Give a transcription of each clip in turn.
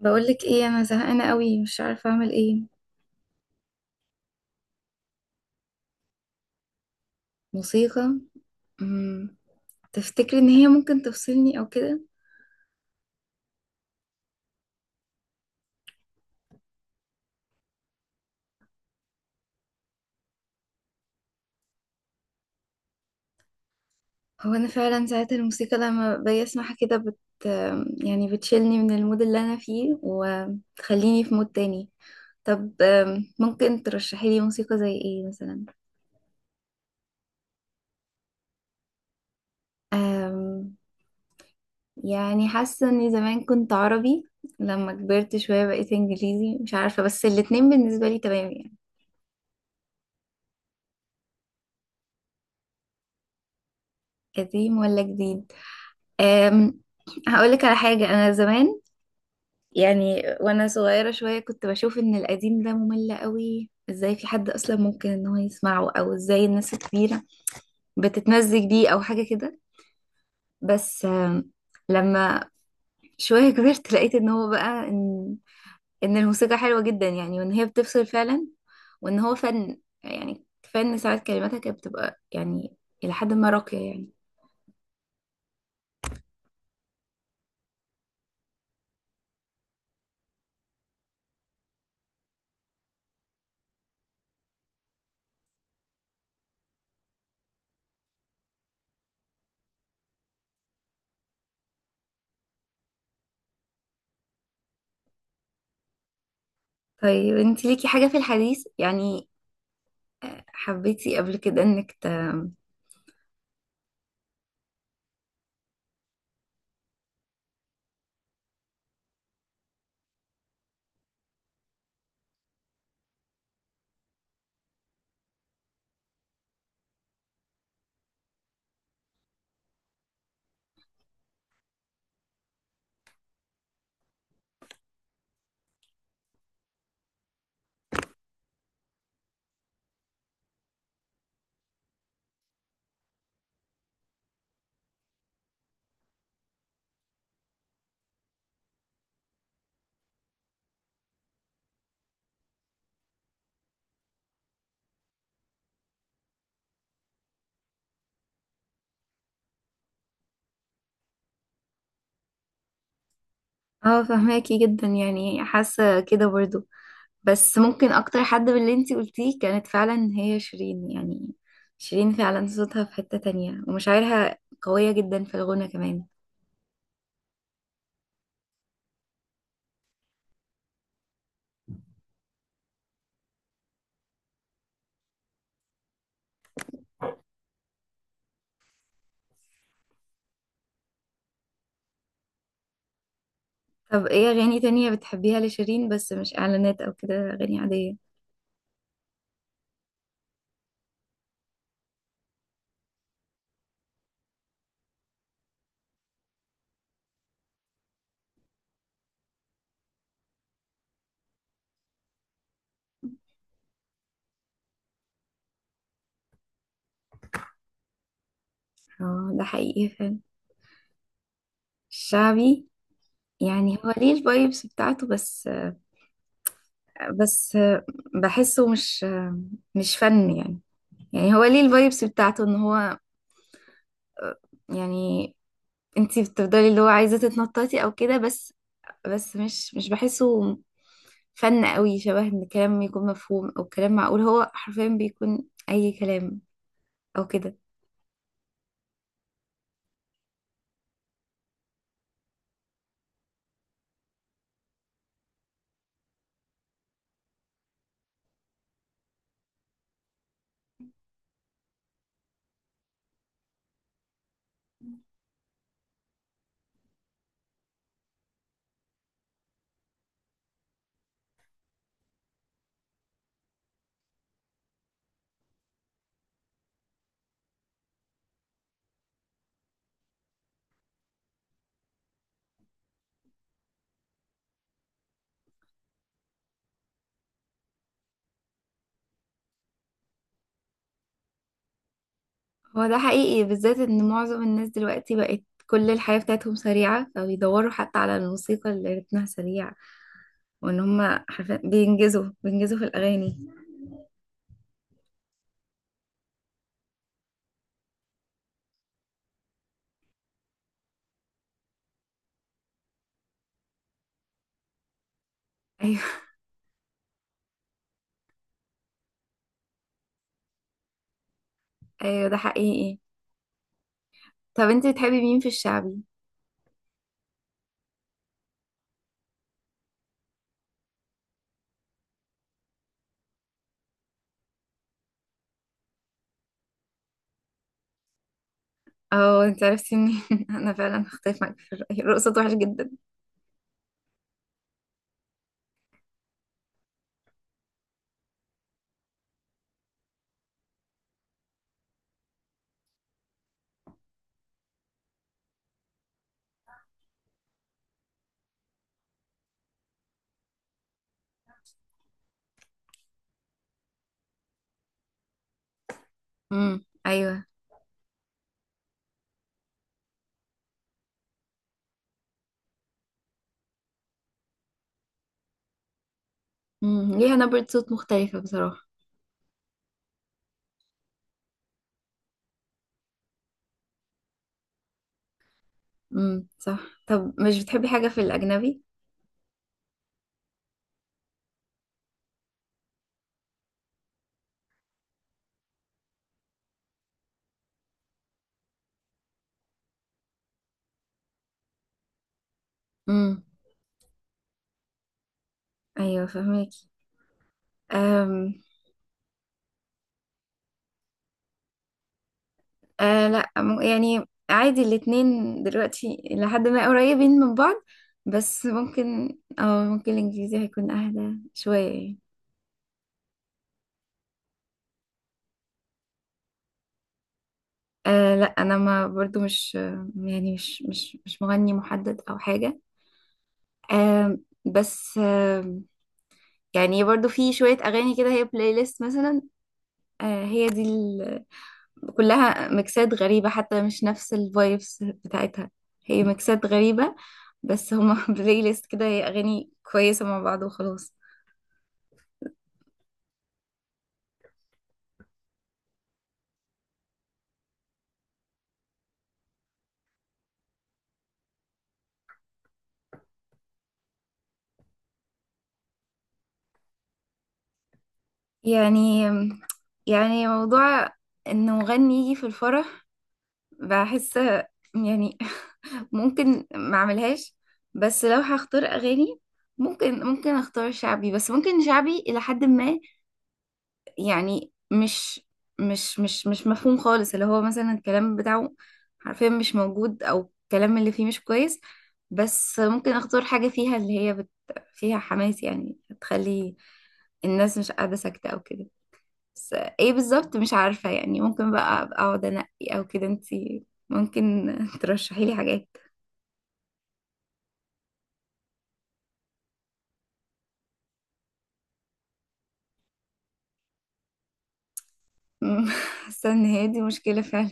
بقولك ايه، انا زهقانه قوي، مش عارفه اعمل ايه. موسيقى. امم. تفتكري ان هي ممكن تفصلني او كده؟ هو انا فعلا ساعات الموسيقى لما باجي اسمعها كده يعني بتشيلني من المود اللي انا فيه وتخليني في مود تاني. طب، ممكن ترشحي لي موسيقى زي ايه مثلا؟ أم، يعني حاسه اني زمان كنت عربي. لما كبرت شويه بقيت انجليزي، مش عارفه، بس الاتنين بالنسبه لي تمام يعني. قديم ولا جديد. أم هقولك على حاجة. أنا زمان، يعني وأنا صغيرة شوية، كنت بشوف إن القديم ده ممل قوي، إزاي في حد أصلا ممكن إن هو يسمعه، أو إزاي الناس الكبيرة بتتمزج بيه أو حاجة كده. بس لما شوية كبرت لقيت إن هو بقى إن الموسيقى حلوة جدا يعني، وإن هي بتفصل فعلا، وإن هو فن، يعني فن ساعات كلماتها كانت بتبقى يعني إلى حد ما راقية يعني. طيب، انت ليكي حاجة في الحديث يعني، حبيتي قبل كده انك اه، فهماكي جدا يعني، حاسه كده برضو. بس ممكن اكتر حد من اللي انتي قلتيه كانت فعلا هي شيرين يعني. شيرين فعلا صوتها في حته تانية، ومشاعرها قويه جدا في الغنى كمان. طب ايه اغاني تانية بتحبيها لشيرين، بس مش اعلانات او كده، اغاني عاديه؟ اه، ده حقيقي فعلا. الشعبي، يعني هو ليه الفايبس بتاعته، بس بحسه مش فن يعني. يعني هو ليه الفايبس بتاعته، ان هو يعني انتي بتفضلي اللي هو عايزة تتنططي او كده، بس مش بحسه فن قوي، شبه ان كلام يكون مفهوم او كلام معقول، هو حرفيا بيكون اي كلام او كده. هو ده حقيقي، بالذات ان معظم الناس دلوقتي بقت كل الحياة بتاعتهم سريعة، فبيدوروا حتى على الموسيقى اللي رتمها سريع، وان هما حرفيا بينجزوا بينجزوا في الاغاني. ايوه، ايوه، ده حقيقي. طب انتي بتحبي مين في الشعبي؟ اه، انت عرفتي منين؟ انا فعلا هختلف معاك في الرأي، الرقصة وحش جدا. امم، ايوه. مم. ليها نبرة صوت مختلفة بصراحة. امم، صح. طب مش بتحبي حاجة في الأجنبي؟ امم، أيوة، فهماكي. أم... أه، لا، يعني عادي، الاتنين دلوقتي لحد ما قريبين من بعض. بس ممكن الإنجليزي هيكون أهدى شوية يعني. أه، لا، أنا ما، برضو مش يعني مش مغني محدد أو حاجة. بس يعني برضو في شوية أغاني كده، هي بلاي ليست مثلا. أه، هي دي كلها ميكسات غريبة، حتى مش نفس الفايبس بتاعتها، هي ميكسات غريبة. بس هما بلاي ليست كده، هي أغاني كويسة مع بعض وخلاص. يعني يعني موضوع إنه مغني يجي في الفرح، بحس يعني ممكن ما اعملهاش. بس لو هختار أغاني، ممكن اختار شعبي، بس ممكن شعبي إلى حد ما. يعني مش مفهوم خالص، اللي هو مثلا الكلام بتاعه حرفيا مش موجود، او الكلام اللي فيه مش كويس. بس ممكن اختار حاجة فيها اللي هي فيها حماس يعني، تخلي الناس مش قاعدة ساكتة او كده. بس ايه بالظبط مش عارفة يعني. ممكن بقى أبقى اقعد انقي او كده. انتي ممكن ترشحي لي حاجات. حاسة ان هي دي مشكلة فعلا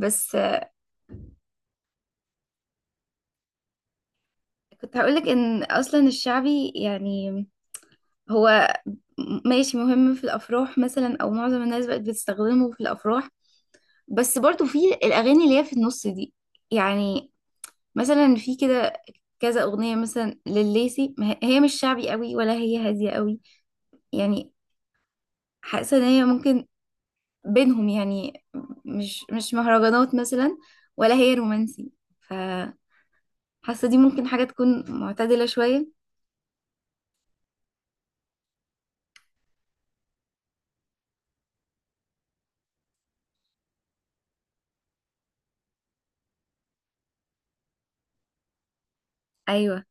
بس. كنت هقولك ان اصلا الشعبي يعني، هو ماشي مهم في الافراح مثلا، او معظم الناس بقت بتستخدمه في الافراح. بس برضو في الاغاني اللي هي في النص دي، يعني مثلا في كده كذا اغنيه مثلا لليسي، ما هي مش شعبي قوي ولا هي هاديه قوي يعني. حاسه ان هي ممكن بينهم يعني، مش مهرجانات مثلا ولا هي رومانسي. فحاسه دي ممكن حاجه تكون معتدله شويه. ايوه،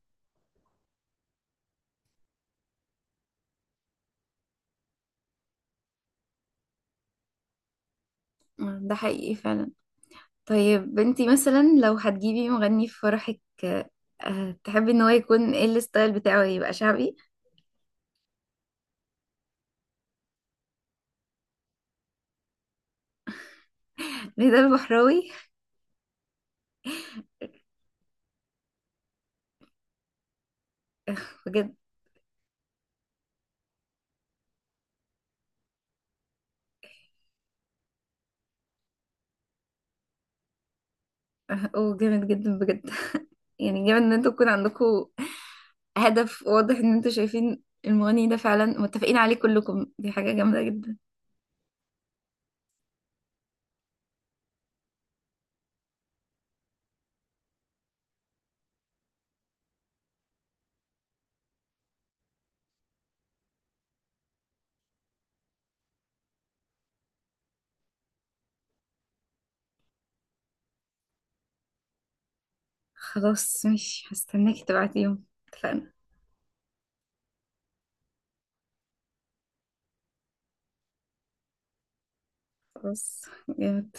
ده حقيقي فعلا. طيب، انتي مثلا لو هتجيبي مغني في فرحك، تحبي ان هو يكون ايه الستايل بتاعه، يبقى شعبي؟ رضا البحراوي؟ بجد؟ آه، اوه، جامد جدا بجد. يعني جامد ان انتوا يكون عندكم هدف واضح، ان انتوا شايفين المغني ده فعلا متفقين عليه كلكم، دي حاجة جامدة جدا. خلاص، ماشي، هستناكي تبعتيهم، اتفقنا. خلاص، جامد.